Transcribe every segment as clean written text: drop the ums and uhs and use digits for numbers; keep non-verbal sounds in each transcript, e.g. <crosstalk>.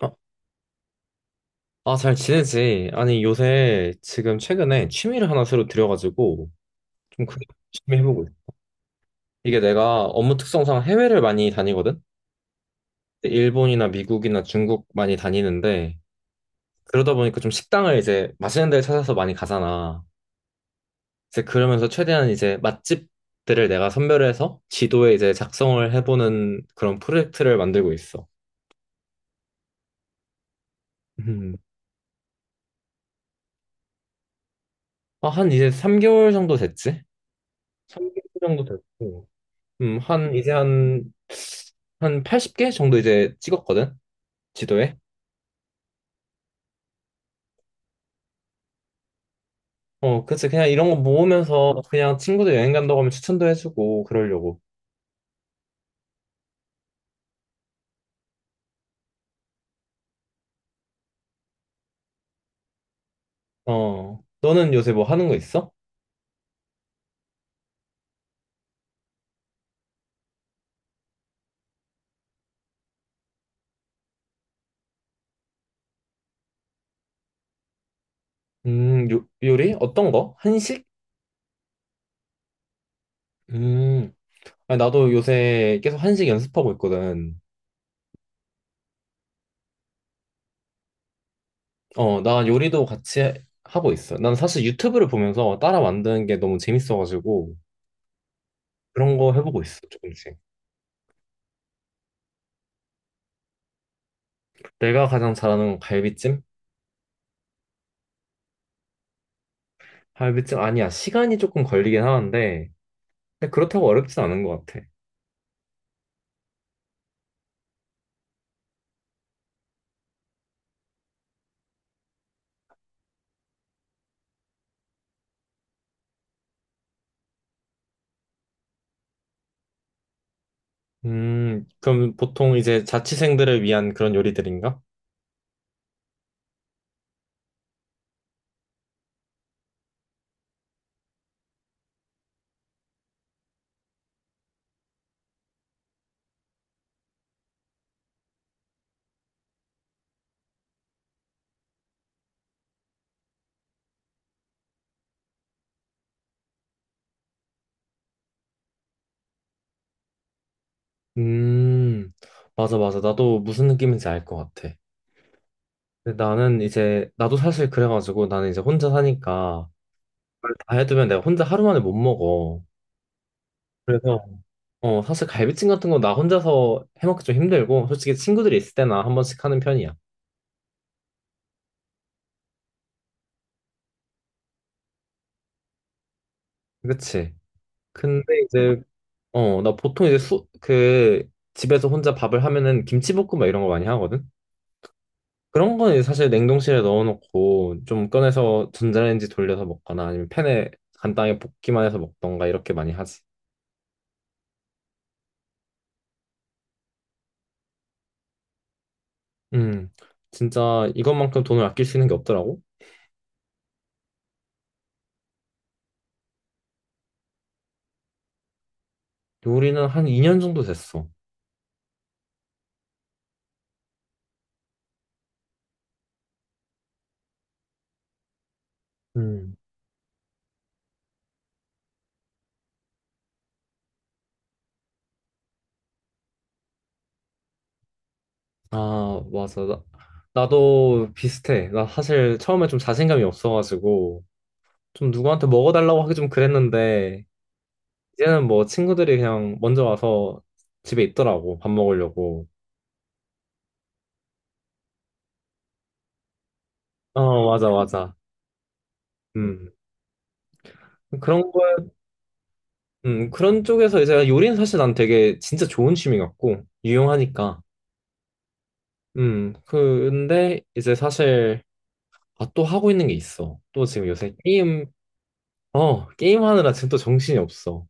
어? 아, 잘 지내지? 아니, 요새 지금 최근에 취미를 하나 새로 들여가지고 좀 크게 취미 해보고 있어. 이게 내가 업무 특성상 해외를 많이 다니거든? 일본이나 미국이나 중국 많이 다니는데 그러다 보니까 좀 식당을 이제 맛있는 데를 찾아서 많이 가잖아. 이제 그러면서 최대한 이제 맛집들을 내가 선별해서 지도에 이제 작성을 해보는 그런 프로젝트를 만들고 있어. 음. 아, 한 이제 3개월 정도 됐지? 3개월 정도 됐고. 음, 한, 이제 한, 한 80개 정도 이제 찍었거든? 지도에. 어, 그치. 그냥 이런 거 모으면서 그냥 친구들 여행 간다고 하면 추천도 해주고, 그러려고. 어, 너는 요새 뭐 하는 거 있어? 요리? 어떤 거? 한식? 음, 아니, 나도 요새 계속 한식 연습하고 있거든. 어, 나 요리도 같이 하고 있어. 난 사실 유튜브를 보면서 따라 만드는 게 너무 재밌어가지고, 그런 거 해보고 있어, 조금씩. 내가 가장 잘하는 건 갈비찜? 갈비찜 아니야. 시간이 조금 걸리긴 하는데 근데 그렇다고 어렵진 않은 것 같아. 그럼 보통 이제 자취생들을 위한 그런 요리들인가? 음, 맞아, 맞아. 나도 무슨 느낌인지 알 것 같아. 근데 나는 이제, 나도 사실 그래가지고 나는 이제 혼자 사니까 그걸 다 해두면 내가 혼자 하루 만에 못 먹어. 그래서, 어, 사실 갈비찜 같은 거 나 혼자서 해먹기 좀 힘들고, 솔직히 친구들이 있을 때나 한 번씩 하는 편이야. 그치? 근데 이제 어, 나 보통 이제 집에서 혼자 밥을 하면은 김치볶음밥 이런 거 많이 하거든? 그런 거는 이제 사실 냉동실에 넣어놓고 좀 꺼내서 전자레인지 돌려서 먹거나 아니면 팬에 간단하게 볶기만 해서 먹던가 이렇게 많이 하지. 음, 진짜 이것만큼 돈을 아낄 수 있는 게 없더라고? 요리는 한 2년 정도 됐어. 음, 아, 맞아. 나도 비슷해. 나 사실 처음에 좀 자신감이 없어가지고 좀 누구한테 먹어달라고 하기 좀 그랬는데 이제는 뭐 친구들이 그냥 먼저 와서 집에 있더라고, 밥 먹으려고. 어, 맞아, 맞아. 음. 그런 거, 그런 쪽에서 이제 요리는 사실 난 되게 진짜 좋은 취미 같고, 유용하니까. 근데 이제 사실, 아, 또 하고 있는 게 있어. 또 지금 요새 게임하느라 지금 또 정신이 없어.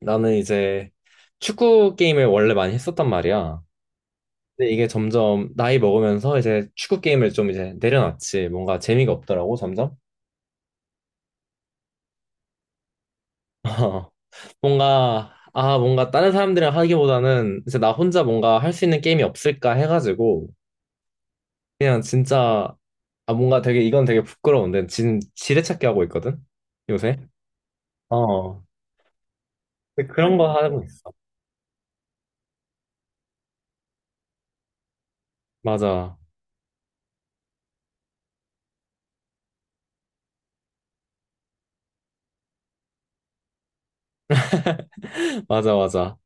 나는 이제 축구 게임을 원래 많이 했었단 말이야. 근데 이게 점점 나이 먹으면서 이제 축구 게임을 좀 이제 내려놨지. 뭔가 재미가 없더라고, 점점. <laughs> 뭔가 다른 사람들이랑 하기보다는 이제 나 혼자 뭔가 할 수 있는 게임이 없을까 해가지고, 그냥 진짜, 아, 뭔가 되게, 이건 되게 부끄러운데, 지금 지뢰찾기 하고 있거든? 요새? 어. 근데 그런 거 하고 있어. 맞아. <laughs> 맞아, 맞아.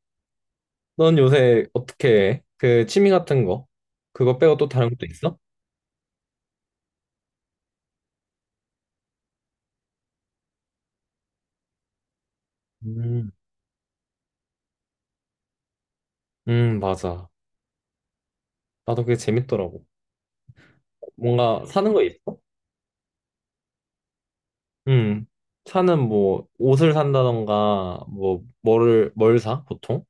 넌 요새 어떻게 해? 그 취미 같은 거? 그거 빼고 또 다른 것도 있어? 음. 맞아. 나도 그게 재밌더라고. 뭔가 사는 거 있어? 음. 차는 뭐 옷을 산다던가 뭐 뭐를 뭘 사? 보통?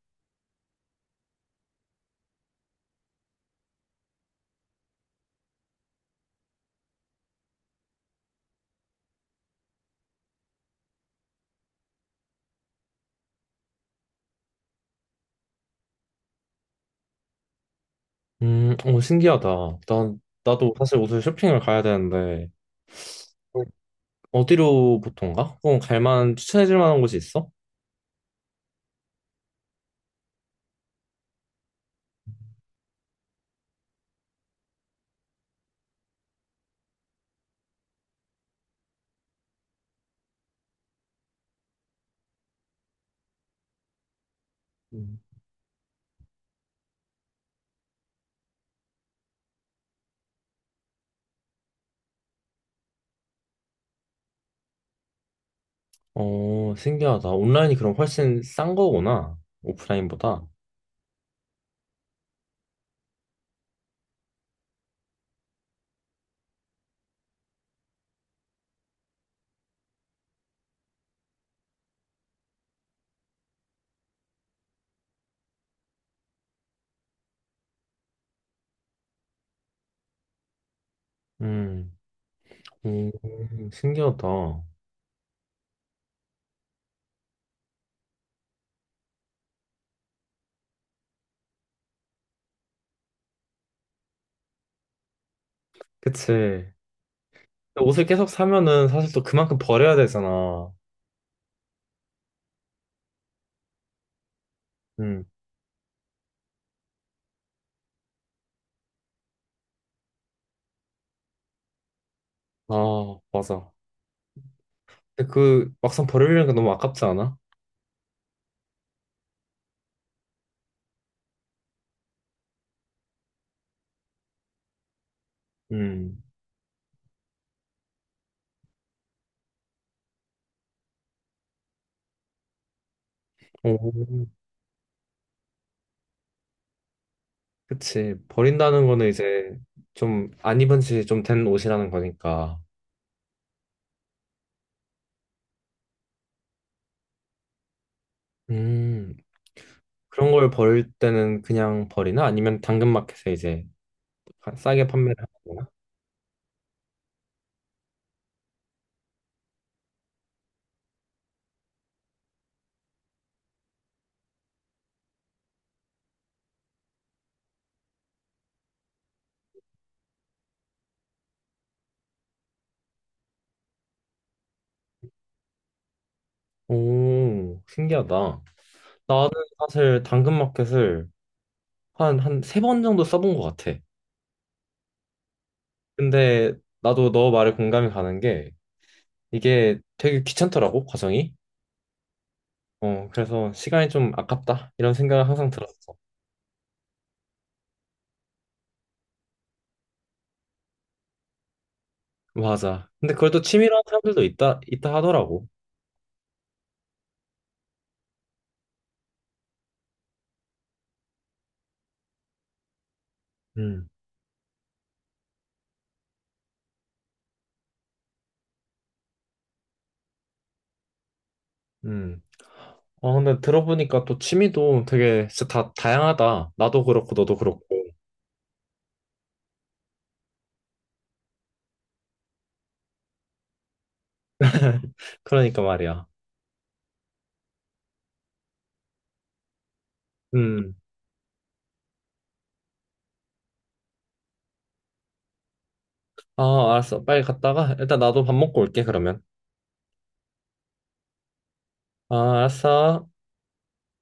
어, 신기하다. 난 나도 사실 옷을 쇼핑을 가야 되는데 어디로 보통 가? 그럼 갈 만한 추천해 줄 만한 곳이 있어? 음. 어, 신기하다. 온라인이 그럼 훨씬 싼 거구나. 오프라인보다. 음, 음, 신기하다. 그치. 근데 옷을 계속 사면은 사실 또 그만큼 버려야 되잖아. 음, 아, 맞아. 근데 그 막상 버리려니까 너무 아깝지 않아? 음. 오, 그치. 버린다는 거는 이제 좀 안 입은 지 좀 된 옷이라는 거니까. 음. 그런 걸 버릴 때는 그냥 버리나? 아니면 당근마켓에 이제 싸게 판매를 하거나? 오, 신기하다. 나는 사실 당근마켓을 한 세 번 정도 써본 것 같아. 근데 나도 너 말에 공감이 가는 게 이게 되게 귀찮더라고, 과정이. 어, 그래서 시간이 좀 아깝다. 이런 생각을 항상 들었어. 맞아. 근데 그걸 또 취미로 하는 사람들도 있다 하더라고. 음, 음. 아, 근데 들어보니까 또 취미도 되게 진짜 다 다양하다. 나도 그렇고, 너도 그렇고. <laughs> 그러니까 말이야. 음. 아, 알았어. 빨리 갔다가 일단 나도 밥 먹고 올게, 그러면. 아, 알았어.